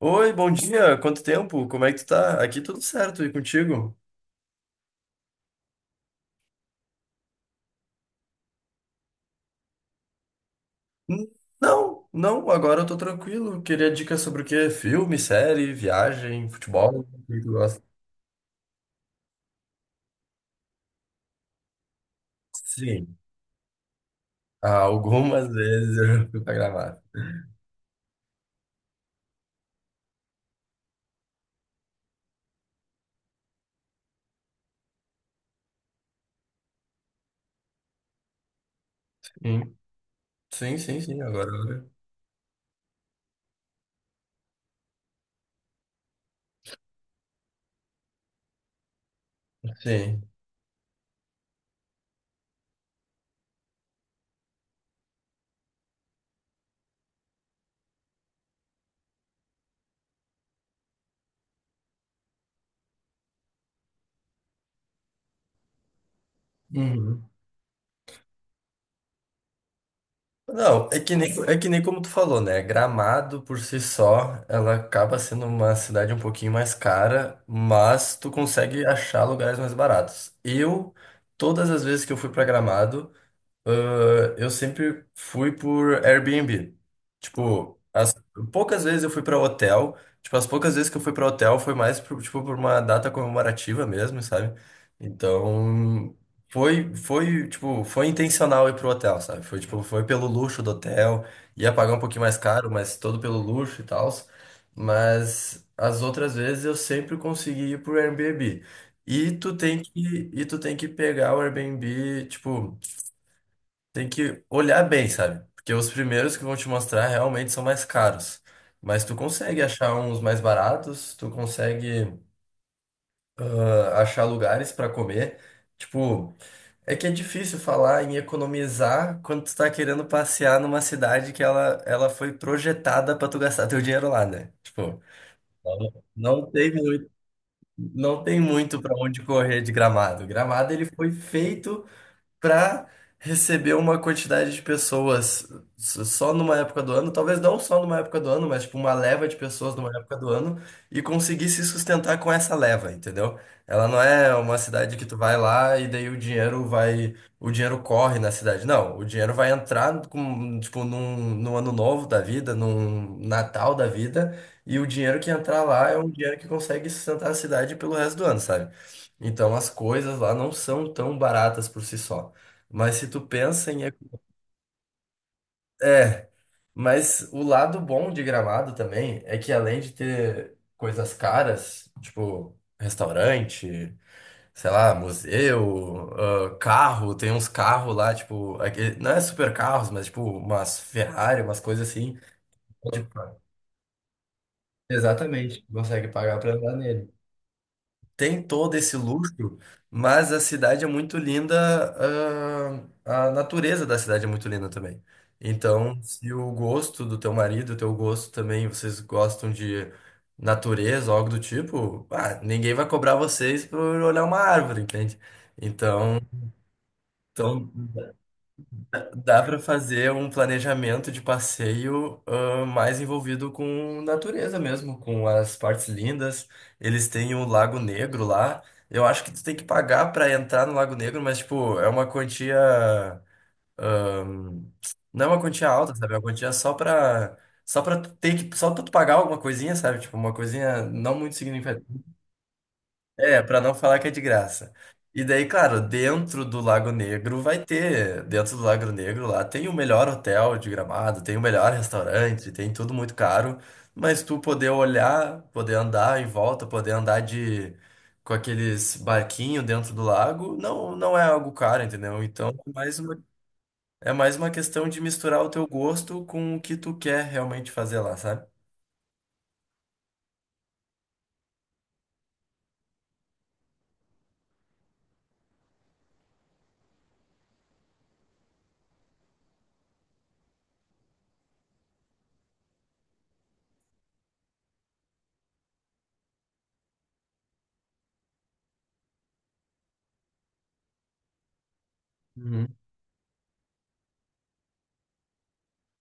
Oi, bom dia. Quanto tempo? Como é que tu tá? Aqui tudo certo e contigo? Hum, não, agora eu tô tranquilo. Queria dicas sobre o quê? Filme, série, viagem, futebol? O que tu gosta? Sim, algumas vezes eu já fui pra Gramado. Sim, sim, sim, sim, agora. Sim. Uhum. Não, é que nem, como tu falou, né? Gramado por si só, ela acaba sendo uma cidade um pouquinho mais cara, mas tu consegue achar lugares mais baratos. Todas as vezes que eu fui pra Gramado, eu sempre fui por Airbnb. Tipo, as poucas vezes eu fui pra hotel. Tipo, as poucas vezes que eu fui pra hotel foi mais por, tipo, por uma data comemorativa mesmo, sabe? Então, foi, tipo, foi intencional ir pro hotel, sabe? Foi, tipo, foi pelo luxo do hotel. Ia pagar um pouquinho mais caro, mas todo pelo luxo e tal. Mas as outras vezes eu sempre consegui ir pro Airbnb. E tu tem que pegar o Airbnb, tipo. Tem que olhar bem, sabe? Porque os primeiros que vão te mostrar realmente são mais caros. Mas tu consegue achar uns mais baratos, tu consegue achar lugares para comer. Tipo, é que é difícil falar em economizar quando tu tá querendo passear numa cidade que ela foi projetada para tu gastar teu dinheiro lá, né? Tipo, não tem muito, não tem muito para onde correr de Gramado. Gramado ele foi feito para receber uma quantidade de pessoas só numa época do ano, talvez não só numa época do ano, mas tipo uma leva de pessoas numa época do ano e conseguir se sustentar com essa leva, entendeu? Ela não é uma cidade que tu vai lá e daí o dinheiro vai, o dinheiro corre na cidade. Não, o dinheiro vai entrar com, tipo num ano novo da vida, num Natal da vida. E o dinheiro que entrar lá é um dinheiro que consegue sustentar a cidade pelo resto do ano, sabe? Então as coisas lá não são tão baratas por si só. Mas se tu pensa em. É, mas o lado bom de Gramado também é que além de ter coisas caras, tipo restaurante, sei lá, museu, ah, carro, tem uns carros lá, tipo, não é super carros, mas tipo umas Ferrari, umas coisas assim. Pagar. Exatamente, consegue pagar pra andar nele. Tem todo esse luxo, mas a cidade é muito linda, a natureza da cidade é muito linda também. Então, se o gosto do teu marido, o teu gosto também, vocês gostam de natureza, algo do tipo, ninguém vai cobrar vocês por olhar uma árvore, entende? Então, então, dá para fazer um planejamento de passeio, mais envolvido com natureza mesmo, com as partes lindas. Eles têm o Lago Negro lá. Eu acho que tu tem que pagar para entrar no Lago Negro, mas tipo, é uma quantia, não é uma quantia alta, sabe? É uma quantia só para só para ter que só pra tu pagar alguma coisinha, sabe? Tipo, uma coisinha não muito é, pra não falar que é de graça. E daí, claro, dentro do Lago Negro lá tem o melhor hotel de Gramado, tem o melhor restaurante, tem tudo muito caro, mas tu poder olhar, poder andar em volta, poder andar de com aqueles barquinhos dentro do lago, não é algo caro, entendeu? Então, é mais uma questão de misturar o teu gosto com o que tu quer realmente fazer lá, sabe?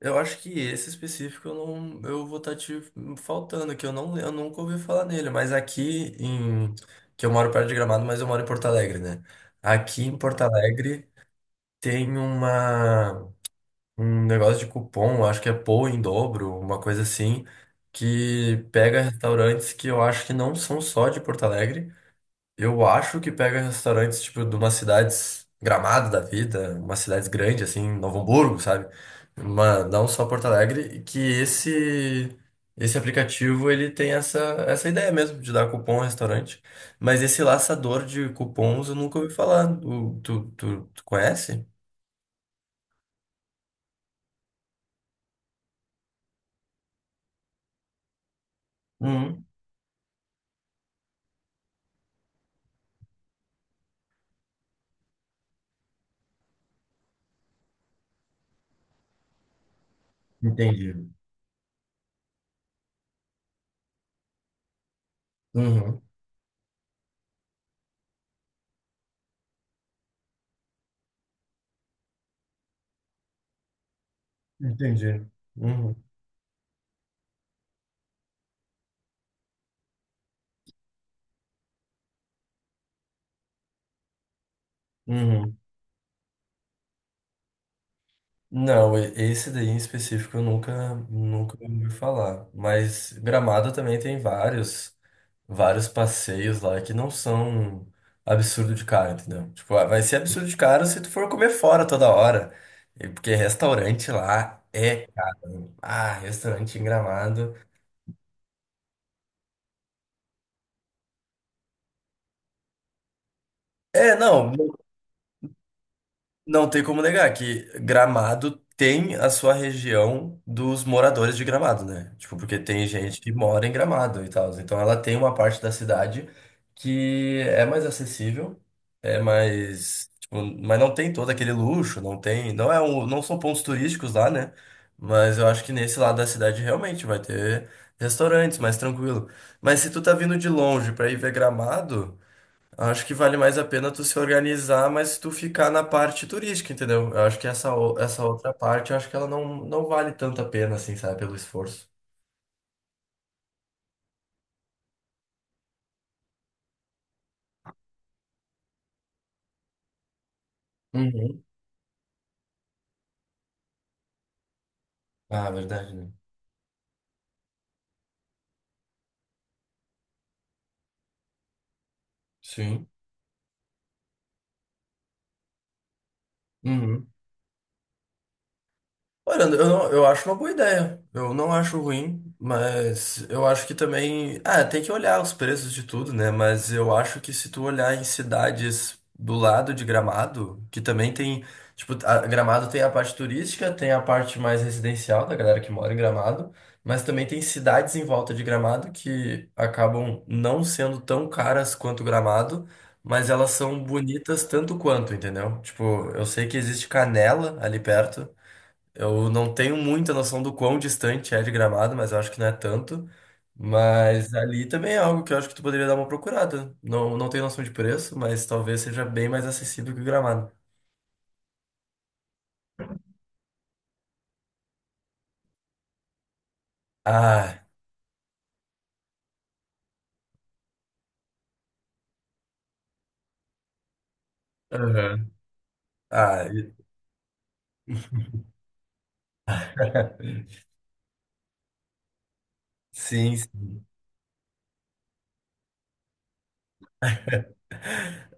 Eu acho que esse específico eu não, eu vou estar te faltando, que eu não, eu nunca ouvi falar nele, mas que eu moro perto de Gramado, mas eu moro em Porto Alegre, né? Aqui em Porto Alegre tem uma, um negócio de cupom, acho que é Pou em dobro, uma coisa assim, que pega restaurantes que eu acho que não são só de Porto Alegre, eu acho que pega restaurantes, tipo, de umas cidades Gramado da vida, umas cidades grandes, assim, Novo Hamburgo, sabe? Uma, não só Porto Alegre, e que esse aplicativo, essa ideia mesmo, de dar cupom ao restaurante. Mas esse laçador de cupons eu nunca ouvi falar. Tu conhece? Uhum. Entendi. Uhum. Entendi. Uhum. Uhum. Não, esse daí em específico eu nunca, nunca ouvi falar. Mas Gramado também tem vários, vários passeios lá que não são absurdo de caro, entendeu? Tipo, ah, vai ser absurdo de caro se tu for comer fora toda hora. E porque restaurante lá é caro. Ah, restaurante em Gramado. É, não. Não tem como negar que Gramado tem a sua região dos moradores de Gramado, né? Tipo, porque tem gente que mora em Gramado e tal. Então ela tem uma parte da cidade que é mais acessível, é mais, tipo, mas não tem todo aquele luxo, não tem, não são pontos turísticos lá, né? Mas eu acho que nesse lado da cidade realmente vai ter restaurantes mais tranquilo. Mas se tu tá vindo de longe pra ir ver Gramado, acho que vale mais a pena tu se organizar, mas tu ficar na parte turística, entendeu? Eu acho que essa outra parte, eu acho que ela não, não vale tanto a pena, assim, sabe? Pelo esforço. Uhum. Ah, verdade, né? Sim. Uhum. Olha, eu, não- eu acho uma boa ideia. Eu não acho ruim, mas eu acho que também. Ah, tem que olhar os preços de tudo, né? Mas eu acho que se tu olhar em cidades do lado de Gramado, que também tem. Tipo, Gramado tem a parte turística, tem a parte mais residencial da galera que mora em Gramado, mas também tem cidades em volta de Gramado que acabam não sendo tão caras quanto Gramado. Mas elas são bonitas tanto quanto, entendeu? Tipo, eu sei que existe Canela ali perto, eu não tenho muita noção do quão distante é de Gramado, mas eu acho que não é tanto. Mas ali também é algo que eu acho que tu poderia dar uma procurada. Não, não tenho noção de preço, mas talvez seja bem mais acessível que o Gramado. Ah, aham. Ah, sim, sim.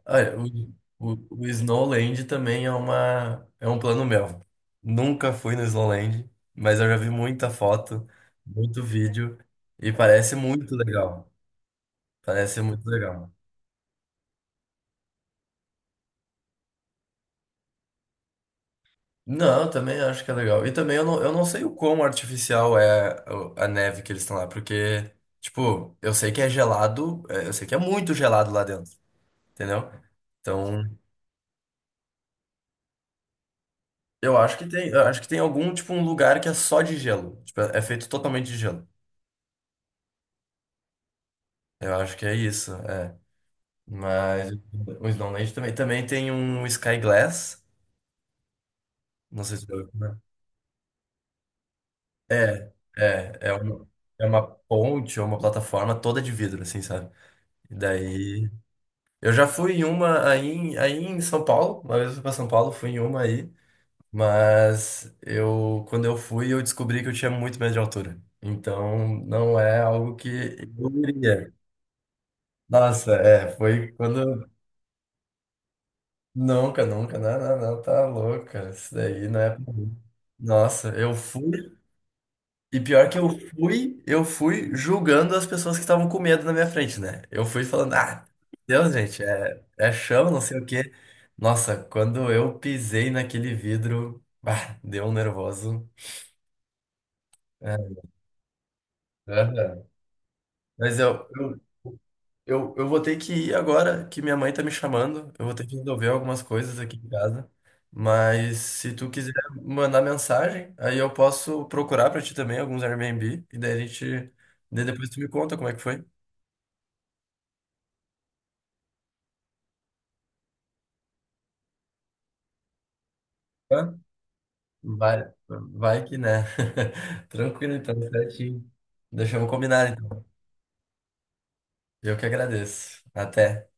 Olha, o Snowland também é uma, é um plano meu. Nunca fui no Snowland, mas eu já vi muita foto, muito vídeo, e parece muito legal. Parece muito legal. Não, eu também acho que é legal. E também eu não sei o quão artificial é a neve que eles estão lá, porque, tipo, eu sei que é gelado, é, eu sei que é muito gelado lá dentro, entendeu? Então, eu acho que tem, eu acho que tem algum, tipo, um lugar que é só de gelo. Tipo, é feito totalmente de gelo. Eu acho que é isso, é. Mas o Snowland também, também tem um Sky Glass, não sei se eu... É, é uma, é uma ponte ou uma plataforma toda de vidro, assim, sabe? E daí. Eu já fui em uma aí, aí em São Paulo, uma vez eu fui pra São Paulo, fui em uma aí, mas eu, quando eu fui, eu descobri que eu tinha muito medo de altura. Então, não é algo que eu iria. Nossa, é, foi quando... Nunca, nunca, não, não, não, tá louca, isso daí não é pra mim. Nossa, eu fui e pior que eu fui julgando as pessoas que estavam com medo na minha frente, né? Eu fui falando, ah, Deus, gente, é chão, não sei o quê. Nossa, quando eu pisei naquele vidro, bah, deu um nervoso. É, aham. Mas eu vou ter que ir agora, que minha mãe tá me chamando. Eu vou ter que resolver algumas coisas aqui em casa. Mas se tu quiser mandar mensagem, aí eu posso procurar pra ti também alguns Airbnb. E daí a gente. Daí Depois tu me conta como é que foi. Tá? Vai, vai que né. Tranquilo, então, certinho. Deixamos combinar, então. Eu que agradeço. Até.